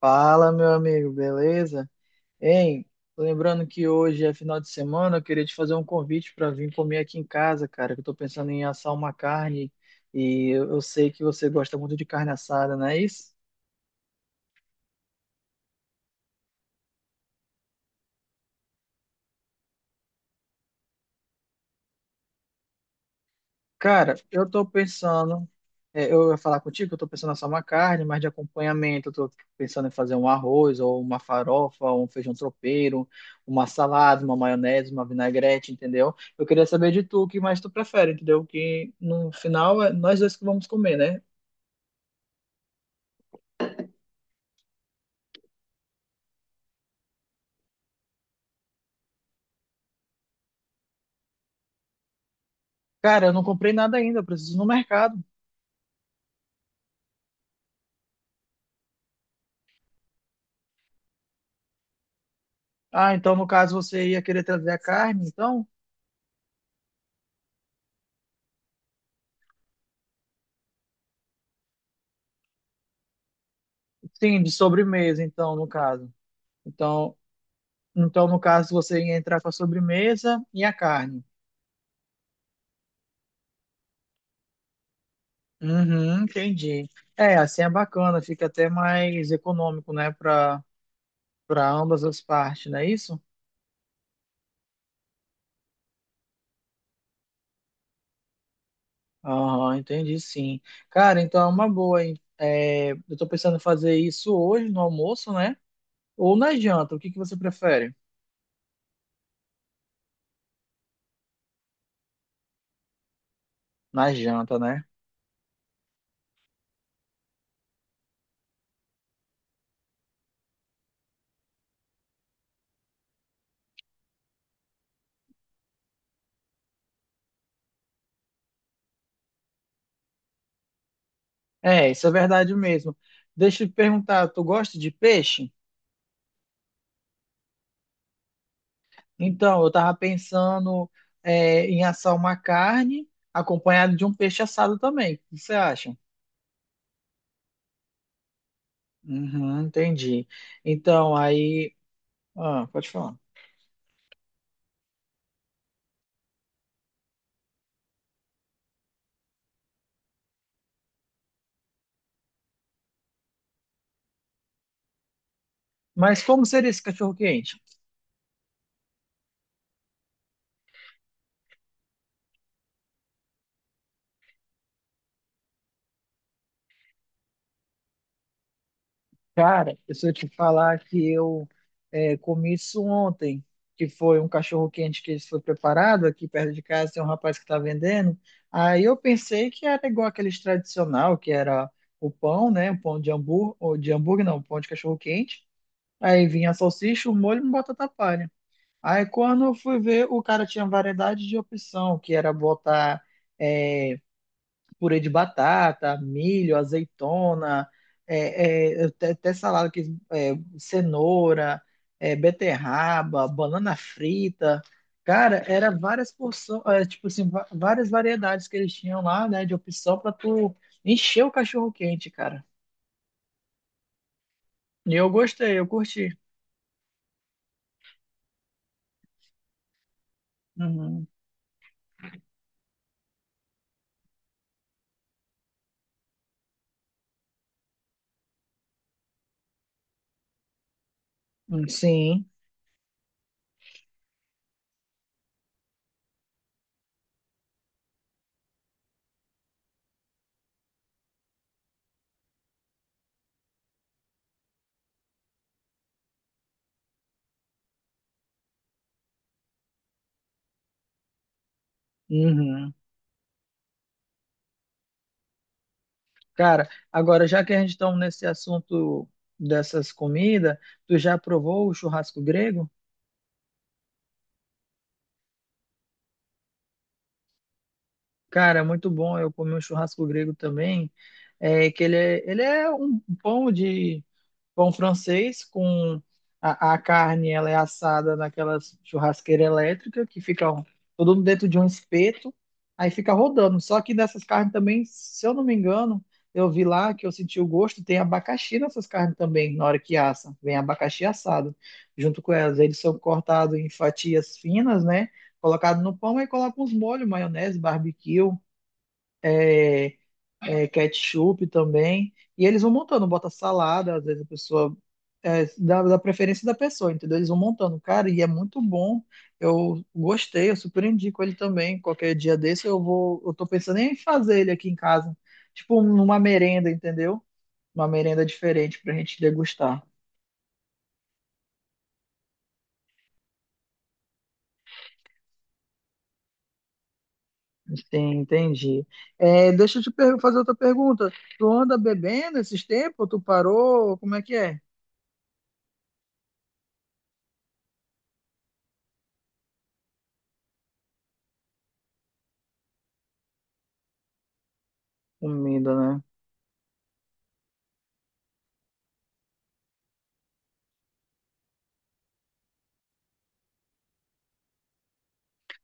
Fala, meu amigo, beleza? Hein, lembrando que hoje é final de semana, eu queria te fazer um convite para vir comer aqui em casa, cara, que eu tô pensando em assar uma carne e eu sei que você gosta muito de carne assada, não é isso? Cara, eu tô pensando. É, eu ia falar contigo que eu estou pensando em assar uma carne, mas de acompanhamento eu estou pensando em fazer um arroz, ou uma farofa, ou um feijão tropeiro, uma salada, uma maionese, uma vinagrete, entendeu? Eu queria saber de tu o que mais tu prefere, entendeu? Que no final é nós dois que vamos comer, né? Cara, eu não comprei nada ainda, eu preciso ir no mercado. Ah, então no caso você ia querer trazer a carne, então? Sim, de sobremesa, então, no caso. Então, então no caso você ia entrar com a sobremesa e a carne. Uhum, entendi. É, assim é bacana, fica até mais econômico, né, para ambas as partes, não é isso? Aham, entendi sim. Cara, então é uma boa, hein? É, eu tô pensando em fazer isso hoje no almoço, né? Ou na janta, o que que você prefere? Na janta, né? É, isso é verdade mesmo. Deixa eu te perguntar, tu gosta de peixe? Então, eu tava pensando, em assar uma carne acompanhada de um peixe assado também. O que você acha? Uhum, entendi. Então, aí. Ah, pode falar. Mas como seria esse cachorro-quente? Cara, se eu te falar que eu comi isso ontem, que foi um cachorro-quente que foi preparado aqui perto de casa, tem um rapaz que está vendendo. Aí eu pensei que era igual aqueles tradicional, que era o pão, né? O pão de hambúrguer, ou de hambúrguer não, o pão de cachorro-quente. Aí vinha a salsicha, o molho e uma batata palha. Aí quando eu fui ver, o cara tinha variedade de opção, que era botar. é, Purê de batata, milho, azeitona, até, salada que é, cenoura, beterraba, banana frita. Cara, era várias porções, tipo assim, várias variedades que eles tinham lá, né, de opção para tu encher o cachorro quente, cara. E eu gostei, eu curti. Uhum. Sim. Uhum. Cara, agora já que a gente está nesse assunto dessas comidas, tu já provou o churrasco grego? Cara, é muito bom. Eu comi um churrasco grego também, que ele é um pão de pão francês com a carne, ela é assada naquela churrasqueira elétrica que fica todo dentro de um espeto, aí fica rodando. Só que nessas carnes também, se eu não me engano, eu vi lá que eu senti o gosto, tem abacaxi nessas carnes também, na hora que assa. Vem abacaxi assado junto com elas. Eles são cortados em fatias finas, né? Colocado no pão e coloca uns molhos, maionese, barbecue, é, ketchup também. E eles vão montando, bota salada, às vezes a pessoa. É, da preferência da pessoa, entendeu? Eles vão montando, cara, e é muito bom. Eu gostei, eu super indico ele também. Qualquer dia desse eu vou. Eu tô pensando em fazer ele aqui em casa. Tipo, numa merenda, entendeu? Uma merenda diferente pra gente degustar. Sim, entendi. É, deixa eu fazer outra pergunta. Tu anda bebendo esses tempos? Tu parou? Como é que é? Comida, né?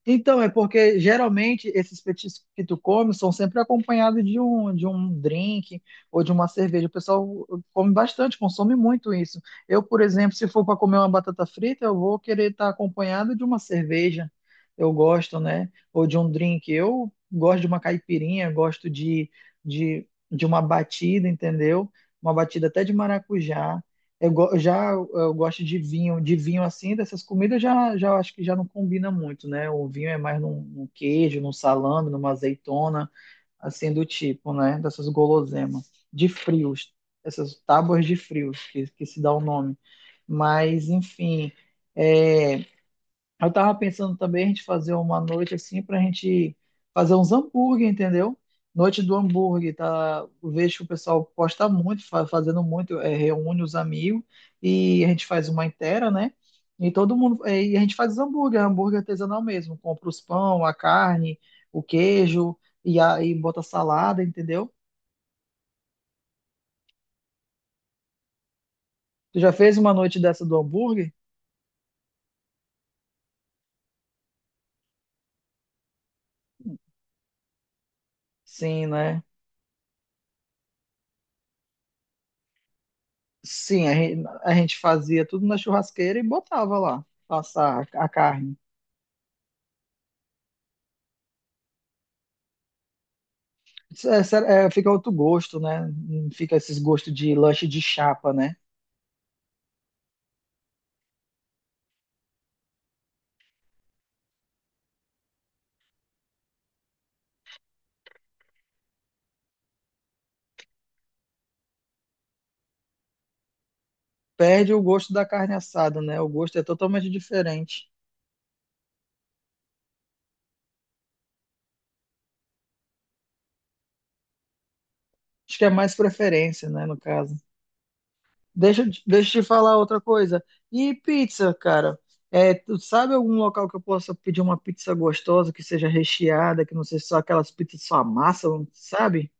Então, é porque geralmente esses petiscos que tu come são sempre acompanhados de um drink ou de uma cerveja. O pessoal come bastante, consome muito isso. Eu, por exemplo, se for para comer uma batata frita, eu vou querer estar acompanhado de uma cerveja. Eu gosto, né? Ou de um drink. Eu gosto de uma caipirinha, gosto de, de uma batida, entendeu? Uma batida até de maracujá. Eu, go- eu já eu gosto de vinho assim, dessas comidas já, já acho que já não combina muito, né? O vinho é mais num, num queijo, num salame, numa azeitona, assim do tipo, né? Dessas guloseimas, de frios, essas tábuas de frios que, se dá o nome. Mas, enfim, é, eu tava pensando também a gente fazer uma noite assim pra gente fazer uns hambúrguer, entendeu? Noite do hambúrguer, tá? Eu vejo que o pessoal posta muito, fazendo muito, reúne os amigos e a gente faz uma inteira, né? E todo mundo, e a gente faz os hambúrguer, hambúrguer artesanal mesmo, compra os pão, a carne, o queijo e aí bota salada, entendeu? Tu já fez uma noite dessa do hambúrguer? Sim, né? Sim, a gente fazia tudo na churrasqueira e botava lá, passar a carne. É, sério, é, fica outro gosto, né? Fica esses gostos de lanche de chapa, né? Perde o gosto da carne assada, né? O gosto é totalmente diferente. Acho que é mais preferência, né, no caso. Deixa, deixa eu te falar outra coisa. E pizza, cara? É, tu sabe algum local que eu possa pedir uma pizza gostosa, que seja recheada, que não seja só aquelas pizzas só amassam, sabe?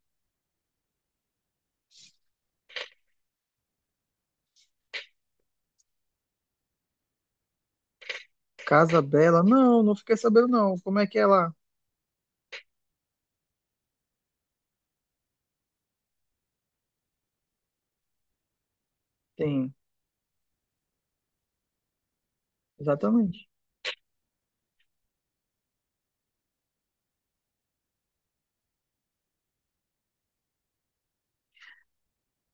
Casa Bela. Não, não fiquei sabendo, não. Como é que é lá? Tem, exatamente.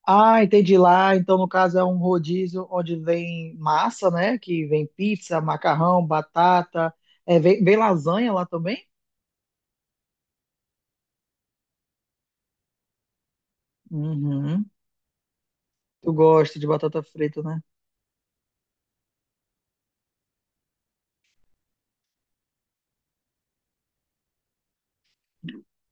Ah, entendi lá. Então, no caso, é um rodízio onde vem massa, né? Que vem pizza, macarrão, batata. É, vem, vem lasanha lá também? Uhum. Tu gosta de batata frita, né?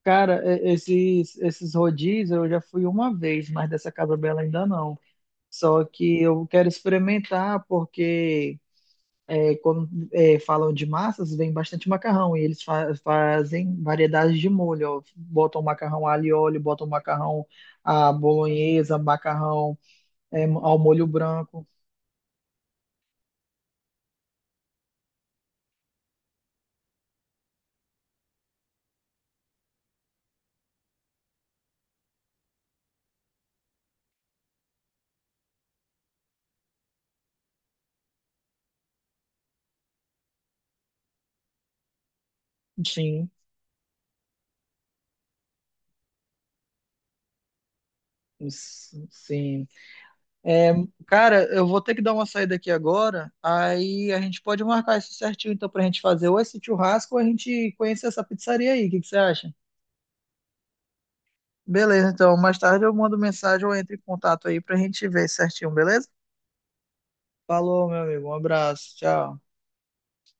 Cara, esses rodízios eu já fui uma vez, mas dessa Casa Bela ainda não. Só que eu quero experimentar, porque. É, quando é, falam de massas, vem bastante macarrão. E eles fazem variedades de molho. Ó. Botam macarrão alho e óleo, botam macarrão à bolonhesa, macarrão ao molho branco. Sim, sim. É, cara, eu vou ter que dar uma saída aqui agora. Aí a gente pode marcar isso certinho, então, pra gente fazer ou esse churrasco ou a gente conhecer essa pizzaria aí. O que que você acha? Beleza, então, mais tarde eu mando mensagem ou entro em contato aí pra gente ver certinho, beleza? Falou, meu amigo. Um abraço. Tchau.